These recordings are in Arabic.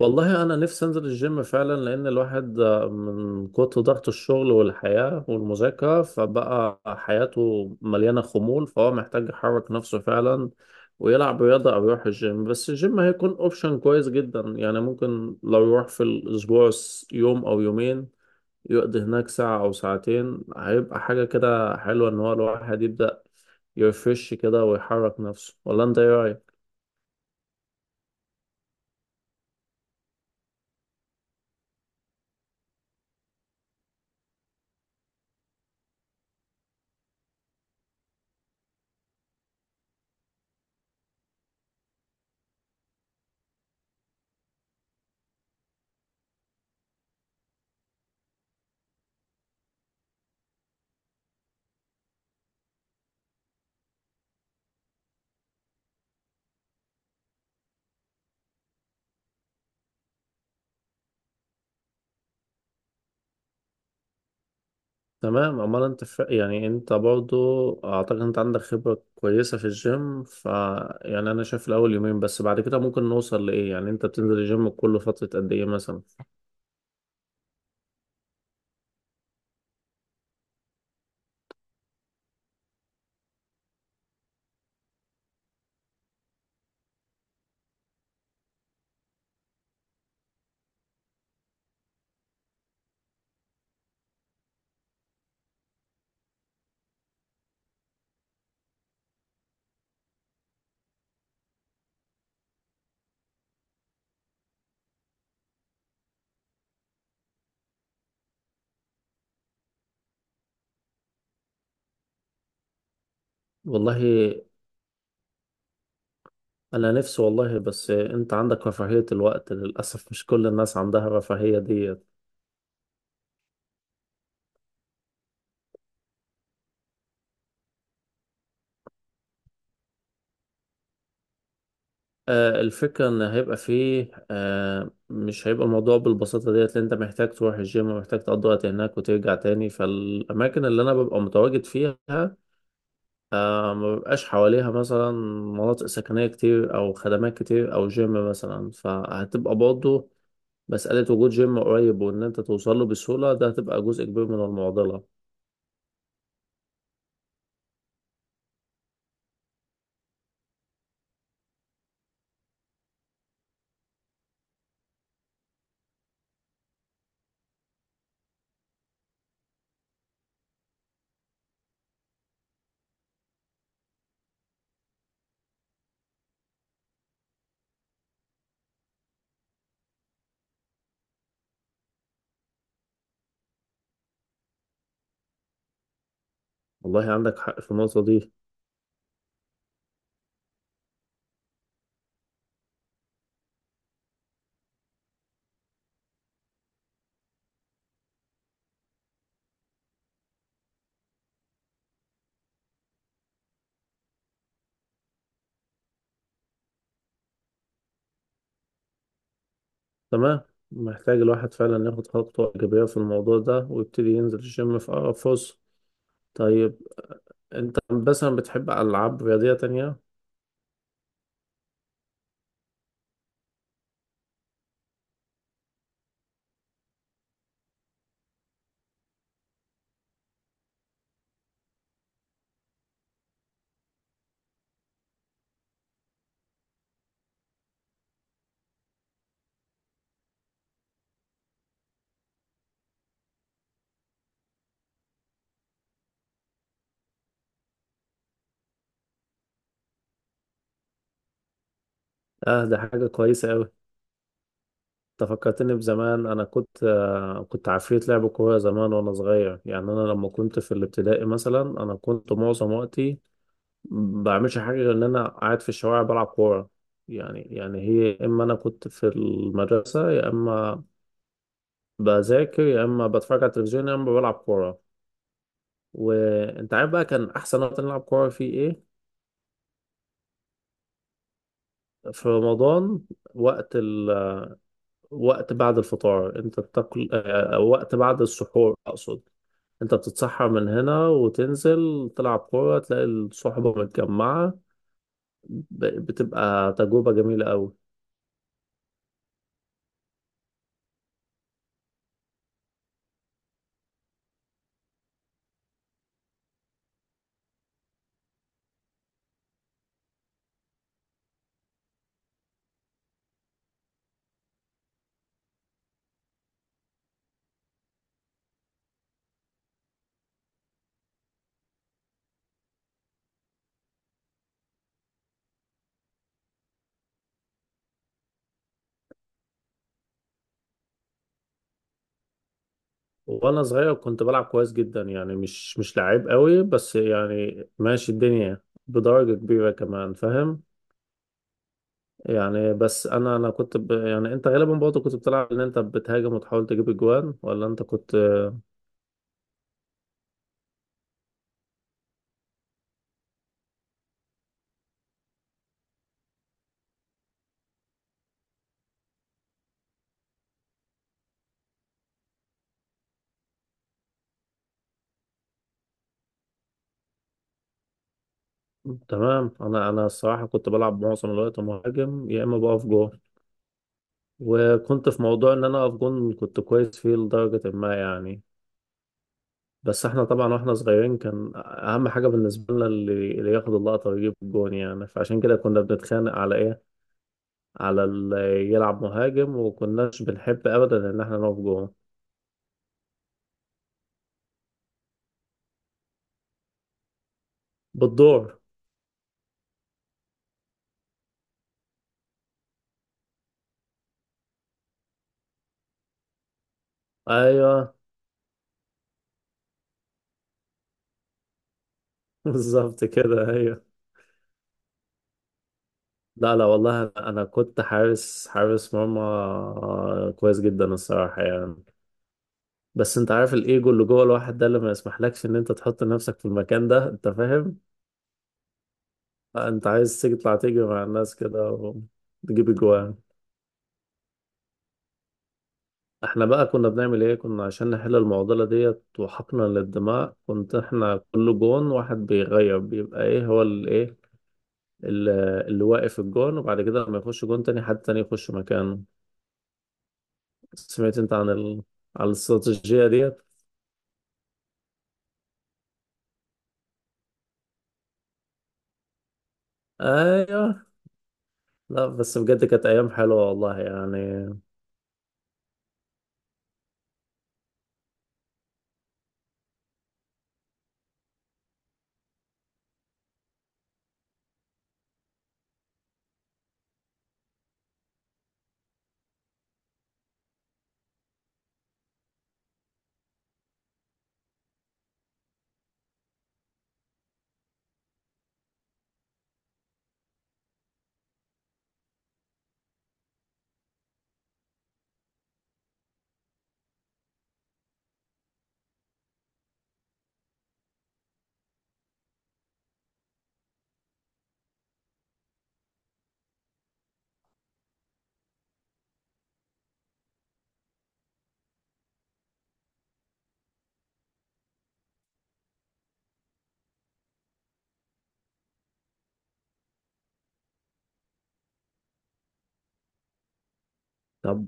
والله انا نفسي انزل الجيم فعلا لان الواحد من كتر ضغط الشغل والحياة والمذاكرة فبقى حياته مليانة خمول، فهو محتاج يحرك نفسه فعلا ويلعب رياضة او يروح الجيم. بس الجيم هيكون اوبشن كويس جدا. يعني ممكن لو يروح في الاسبوع يوم او يومين يقضي هناك ساعة او ساعتين هيبقى حاجة كده حلوة، ان هو الواحد يبدأ يرفرش كده ويحرك نفسه. ولا انت ايه رأيك؟ تمام. امال انت ف... يعني انت برضو اعتقد انت عندك خبرة كويسة في الجيم. ف يعني انا شايف الاول يومين بس، بعد كده ممكن نوصل لايه. يعني انت بتنزل الجيم كل فترة قد ايه مثلا؟ والله انا نفسي والله، بس انت عندك رفاهية الوقت. للاسف مش كل الناس عندها الرفاهية ديت. آه، الفكرة ان هيبقى فيه آه، مش هيبقى الموضوع بالبساطة ديت. لان انت محتاج تروح الجيم ومحتاج تقضي وقت هناك وترجع تاني، فالاماكن اللي انا ببقى متواجد فيها آه ما بيبقاش حواليها مثلا مناطق سكنية كتير أو خدمات كتير أو جيم مثلا. فهتبقى برضه مسألة وجود جيم قريب وإن أنت توصل له بسهولة، ده هتبقى جزء كبير من المعضلة. والله عندك حق في النقطة دي. تمام. محتاج الواحد فعلا ياخد خطوة إيجابية في الموضوع ده ويبتدي ينزل الجيم في أقرب فرصة. طيب، أنت مثلا بتحب ألعاب رياضية تانية؟ آه ده حاجة كويسة أوي. انت فكرتني بزمان، انا كنت كنت عفريت لعب كوره زمان وانا صغير. يعني انا لما كنت في الابتدائي مثلا انا كنت معظم وقتي ما بعملش حاجه غير ان انا قاعد في الشوارع بلعب كوره. يعني هي، يا اما انا كنت في المدرسه، يا اما بذاكر، يا اما بتفرج على التلفزيون، يا اما بلعب كوره. وانت عارف بقى كان احسن وقت نلعب كوره فيه ايه؟ في رمضان. وقت وقت بعد الفطار، انت بتاكل وقت بعد السحور اقصد. انت بتتسحر من هنا وتنزل تلعب كورة تلاقي الصحبة متجمعة. بتبقى تجربة جميلة قوي. وانا صغير كنت بلعب كويس جدا يعني، مش لعيب قوي، بس يعني ماشي الدنيا بدرجة كبيرة كمان، فاهم؟ يعني بس انا كنت ب... يعني انت غالبا برضه كنت بتلعب ان انت بتهاجم وتحاول تجيب اجوان، ولا انت كنت؟ تمام. انا الصراحه كنت بلعب معظم الوقت مهاجم، يا اما بقف جون. وكنت في موضوع ان انا اقف جون كنت كويس فيه لدرجه ما يعني. بس احنا طبعا واحنا صغيرين كان اهم حاجه بالنسبه لنا اللي ياخد اللقطه ويجيب الجون يعني، فعشان كده كنا بنتخانق على ايه، على اللي يلعب مهاجم، وكناش بنحب ابدا ان احنا نقف جون بالدور. ايوه. بالظبط كده، ايوه. لا والله انا كنت حارس مرمى كويس جدا الصراحه يعني. بس انت عارف الايجو اللي جوه الواحد ده اللي ما يسمحلكش ان انت تحط نفسك في المكان ده، انت فاهم. انت عايز تيجي تطلع تيجي مع الناس كده وتجيب اجوان. احنا بقى كنا بنعمل ايه؟ كنا عشان نحل المعضله ديت وحقنا للدماء، كنت احنا كل جون واحد بيغير بيبقى ايه هو الايه اللي, اللي واقف الجون، وبعد كده لما يخش جون تاني، حد تاني يخش مكانه. سمعت انت عن الاستراتيجيه ديت؟ ايوه. لا بس بجد كانت ايام حلوه والله يعني. طب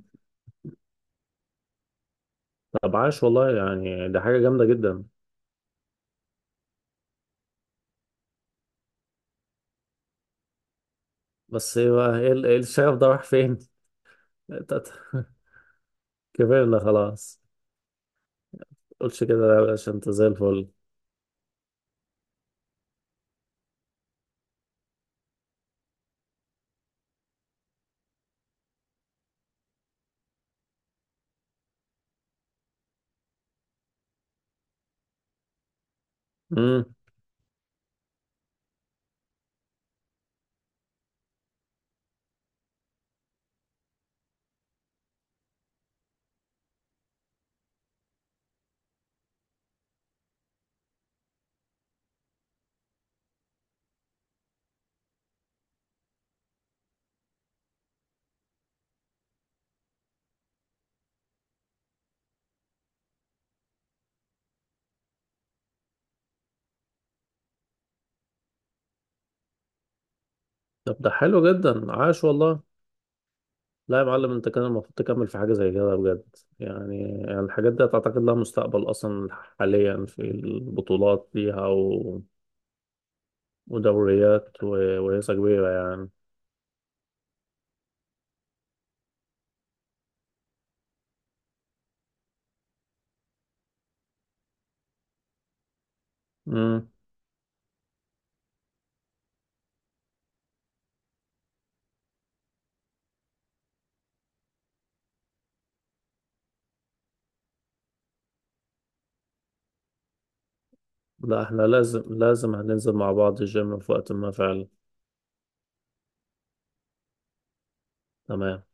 طب عاش والله يعني، ده حاجة جامدة جدا. بس ايه بقى، إيه الشغف ده راح فين؟ كبرنا خلاص. متقولش كده، لا يا باشا، انت زي الفل. امم طب ده حلو جدا، عاش والله. لا يا معلم، انت كان المفروض تكمل في حاجة زي كده بجد يعني. يعني الحاجات دي تعتقد لها مستقبل اصلا حاليا، في البطولات ليها و... ودوريات و... ورياضة كبيرة يعني. امم. لا احنا لازم هننزل مع بعض الجيم في وقت ما فعلا. تمام.